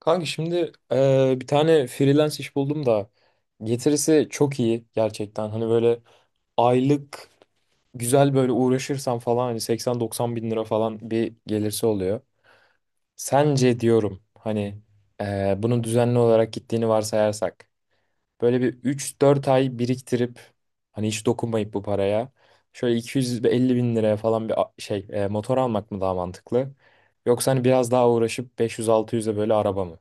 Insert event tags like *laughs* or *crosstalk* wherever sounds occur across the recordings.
Kanka şimdi bir tane freelance iş buldum da getirisi çok iyi gerçekten. Hani böyle aylık güzel böyle uğraşırsam falan hani 80-90 bin lira falan bir gelirse oluyor. Sence diyorum hani bunun düzenli olarak gittiğini varsayarsak böyle bir üç dört ay biriktirip hani hiç dokunmayıp bu paraya şöyle 250 bin liraya falan bir şey motor almak mı daha mantıklı? Yoksa hani biraz daha uğraşıp 500-600'e böyle araba mı?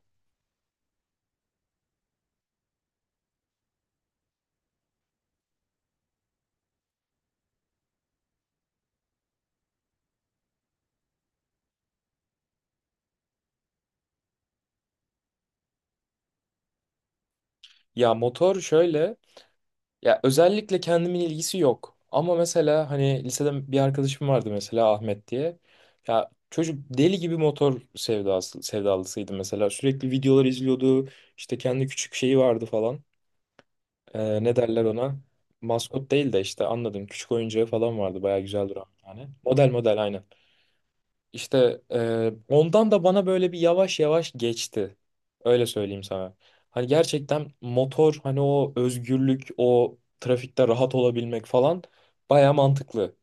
Ya motor şöyle, ya özellikle kendimin ilgisi yok. Ama mesela hani lisede bir arkadaşım vardı mesela Ahmet diye. Ya çocuk deli gibi motor sevdası, sevdalısıydı mesela. Sürekli videolar izliyordu. İşte kendi küçük şeyi vardı falan. Ne derler ona? Maskot değil de işte anladım. Küçük oyuncağı falan vardı. Baya güzel duran yani. Model model aynen. İşte ondan da bana böyle bir yavaş yavaş geçti. Öyle söyleyeyim sana. Hani gerçekten motor hani o özgürlük, o trafikte rahat olabilmek falan baya mantıklı.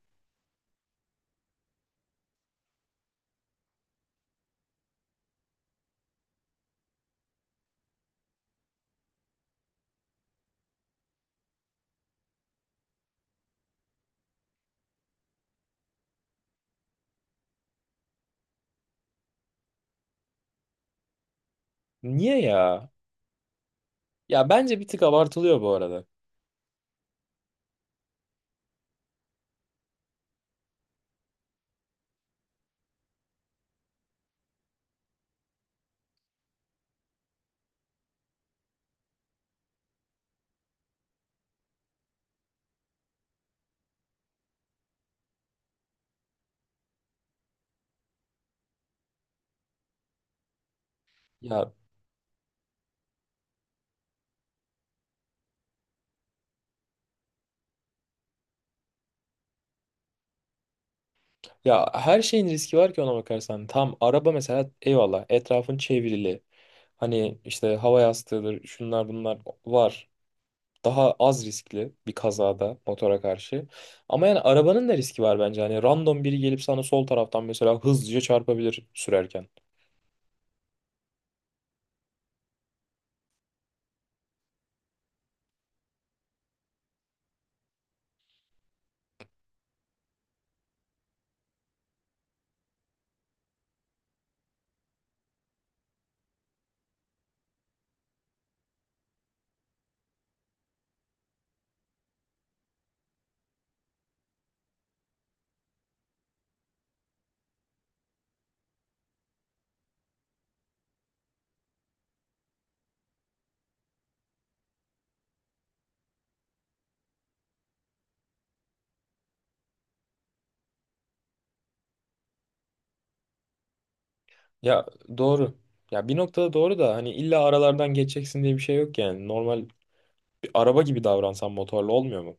Niye ya? Ya bence bir tık abartılıyor bu arada. Ya ya her şeyin riski var ki ona bakarsan. Tam araba mesela eyvallah etrafın çevrili. Hani işte hava yastığıdır, şunlar bunlar var. Daha az riskli bir kazada motora karşı. Ama yani arabanın da riski var bence. Hani random biri gelip sana sol taraftan mesela hızlıca çarpabilir sürerken. Ya, doğru. Ya bir noktada doğru da hani illa aralardan geçeceksin diye bir şey yok yani. Normal bir araba gibi davransan motorla olmuyor mu?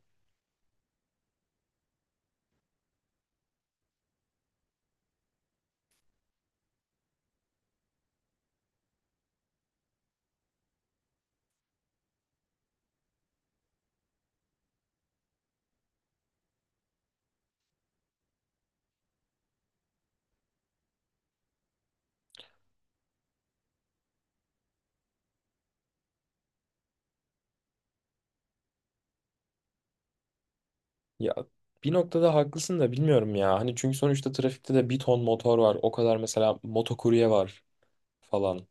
Ya bir noktada haklısın da bilmiyorum ya. Hani çünkü sonuçta trafikte de bir ton motor var. O kadar mesela motokurye var falan.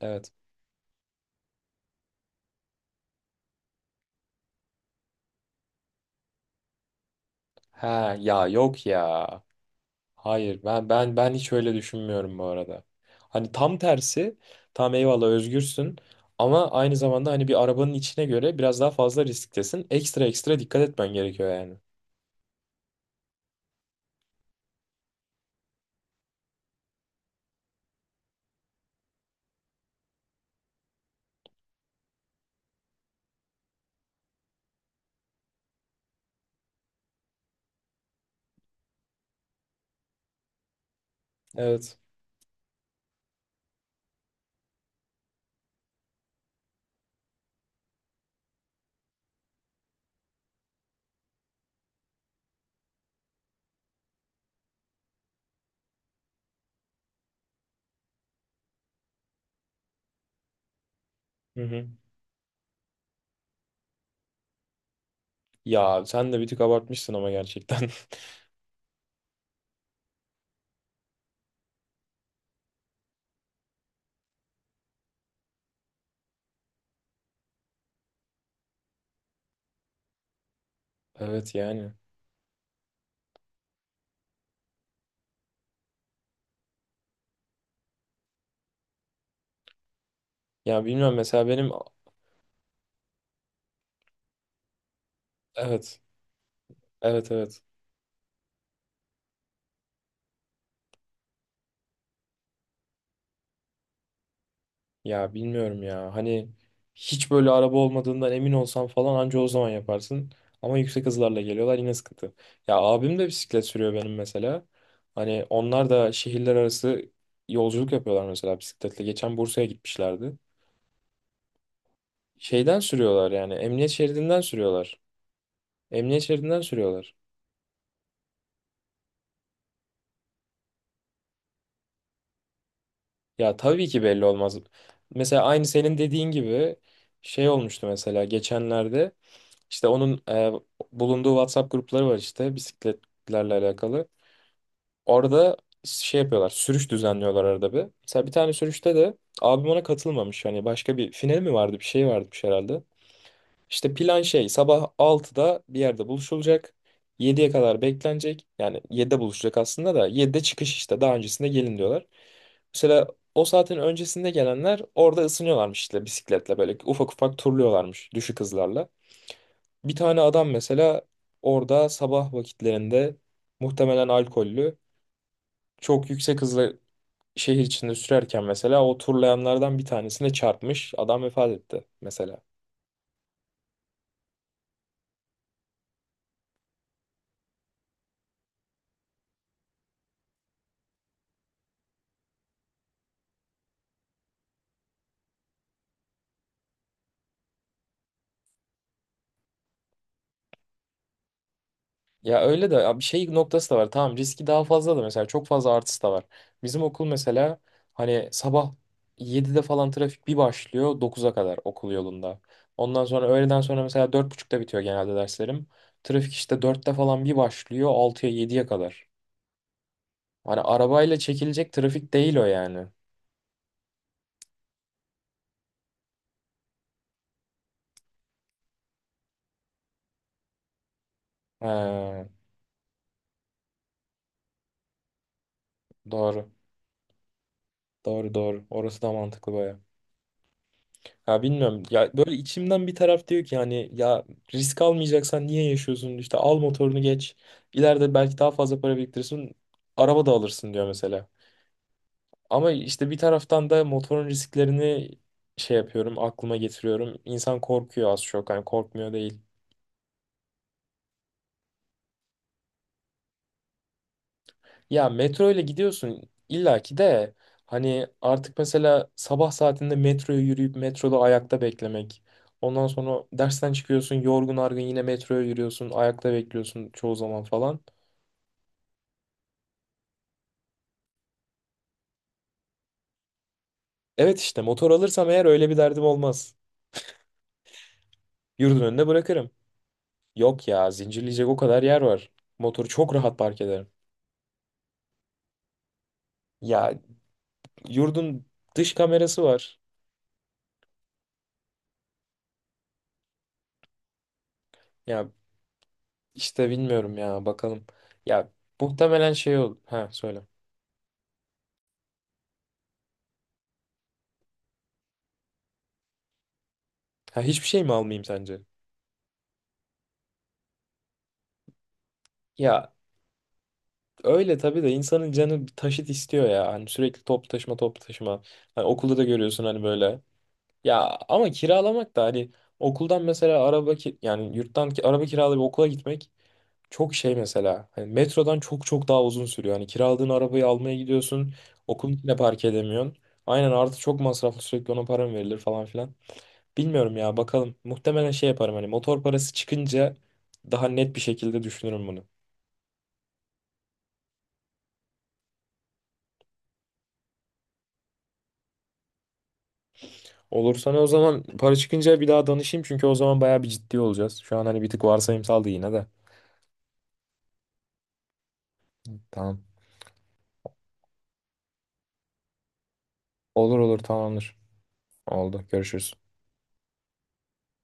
Evet. Ha ya yok ya. Hayır, ben hiç öyle düşünmüyorum bu arada. Hani tam tersi, tam eyvallah özgürsün ama aynı zamanda hani bir arabanın içine göre biraz daha fazla risktesin. Ekstra ekstra dikkat etmen gerekiyor yani. Evet. Hı hı. Ya sen de bir tık abartmışsın ama gerçekten. *laughs* Evet yani. Ya bilmiyorum mesela benim evet. Evet, evet. Ya bilmiyorum ya. Hani hiç böyle araba olmadığından emin olsam falan anca o zaman yaparsın. Ama yüksek hızlarla geliyorlar yine sıkıntı. Ya abim de bisiklet sürüyor benim mesela. Hani onlar da şehirler arası yolculuk yapıyorlar mesela bisikletle. Geçen Bursa'ya gitmişlerdi. Şeyden sürüyorlar yani emniyet şeridinden sürüyorlar. Emniyet şeridinden sürüyorlar. Ya tabii ki belli olmaz. Mesela aynı senin dediğin gibi şey olmuştu mesela geçenlerde. İşte onun bulunduğu WhatsApp grupları var işte bisikletlerle alakalı. Orada şey yapıyorlar, sürüş düzenliyorlar arada bir. Mesela bir tane sürüşte de abim ona katılmamış. Hani başka bir final mi vardı, bir şey varmış herhalde. İşte plan şey, sabah 6'da bir yerde buluşulacak. 7'ye kadar beklenecek. Yani 7'de buluşacak aslında da 7'de çıkış işte. Daha öncesinde gelin diyorlar. Mesela o saatin öncesinde gelenler orada ısınıyorlarmış işte bisikletle böyle ufak ufak turluyorlarmış düşük hızlarla. Bir tane adam mesela orada sabah vakitlerinde muhtemelen alkollü çok yüksek hızla şehir içinde sürerken mesela o turlayanlardan bir tanesine çarpmış, adam vefat etti mesela. Ya öyle de ya bir şey noktası da var, tamam riski daha fazla da mesela çok fazla artısı da var. Bizim okul mesela hani sabah 7'de falan trafik bir başlıyor 9'a kadar okul yolunda. Ondan sonra öğleden sonra mesela 4.30'da bitiyor genelde derslerim. Trafik işte 4'te falan bir başlıyor 6'ya 7'ye kadar. Hani arabayla çekilecek trafik değil o yani. Ha, doğru. Doğru, doğru. Orası da mantıklı baya. Ya bilmiyorum. Ya böyle içimden bir taraf diyor ki hani ya, risk almayacaksan niye yaşıyorsun? İşte al motorunu geç. İleride belki daha fazla para biriktirirsin. Araba da alırsın diyor mesela. Ama işte bir taraftan da motorun risklerini şey yapıyorum, aklıma getiriyorum. İnsan korkuyor az çok. Hani korkmuyor değil. Ya metro ile gidiyorsun illaki de hani artık mesela sabah saatinde metroya yürüyüp metroda ayakta beklemek. Ondan sonra dersten çıkıyorsun yorgun argın yine metroya yürüyorsun ayakta bekliyorsun çoğu zaman falan. Evet işte motor alırsam eğer öyle bir derdim olmaz. Yurdun önüne bırakırım. Yok ya, zincirleyecek o kadar yer var. Motoru çok rahat park ederim. Ya yurdun dış kamerası var. Ya işte bilmiyorum ya bakalım. Ya muhtemelen şey ol. Ha söyle. Ha, hiçbir şey mi almayayım sence? Ya öyle tabii de insanın canı bir taşıt istiyor ya. Hani sürekli toplu taşıma, toplu taşıma. Hani okulda da görüyorsun hani böyle. Ya ama kiralamak da hani okuldan mesela araba ki yani yurttan ki araba kiralayıp okula gitmek çok şey mesela. Hani metrodan çok çok daha uzun sürüyor. Hani kiraladığın arabayı almaya gidiyorsun. Okulun içine park edemiyorsun. Aynen, artı çok masraflı, sürekli ona para mı verilir falan filan. Bilmiyorum ya bakalım. Muhtemelen şey yaparım hani motor parası çıkınca daha net bir şekilde düşünürüm bunu. Olur, sana o zaman para çıkınca bir daha danışayım çünkü o zaman bayağı bir ciddi olacağız. Şu an hani bir tık varsayımsaldı yine de. Tamam. Olur, olur, tamamdır. Oldu. Görüşürüz.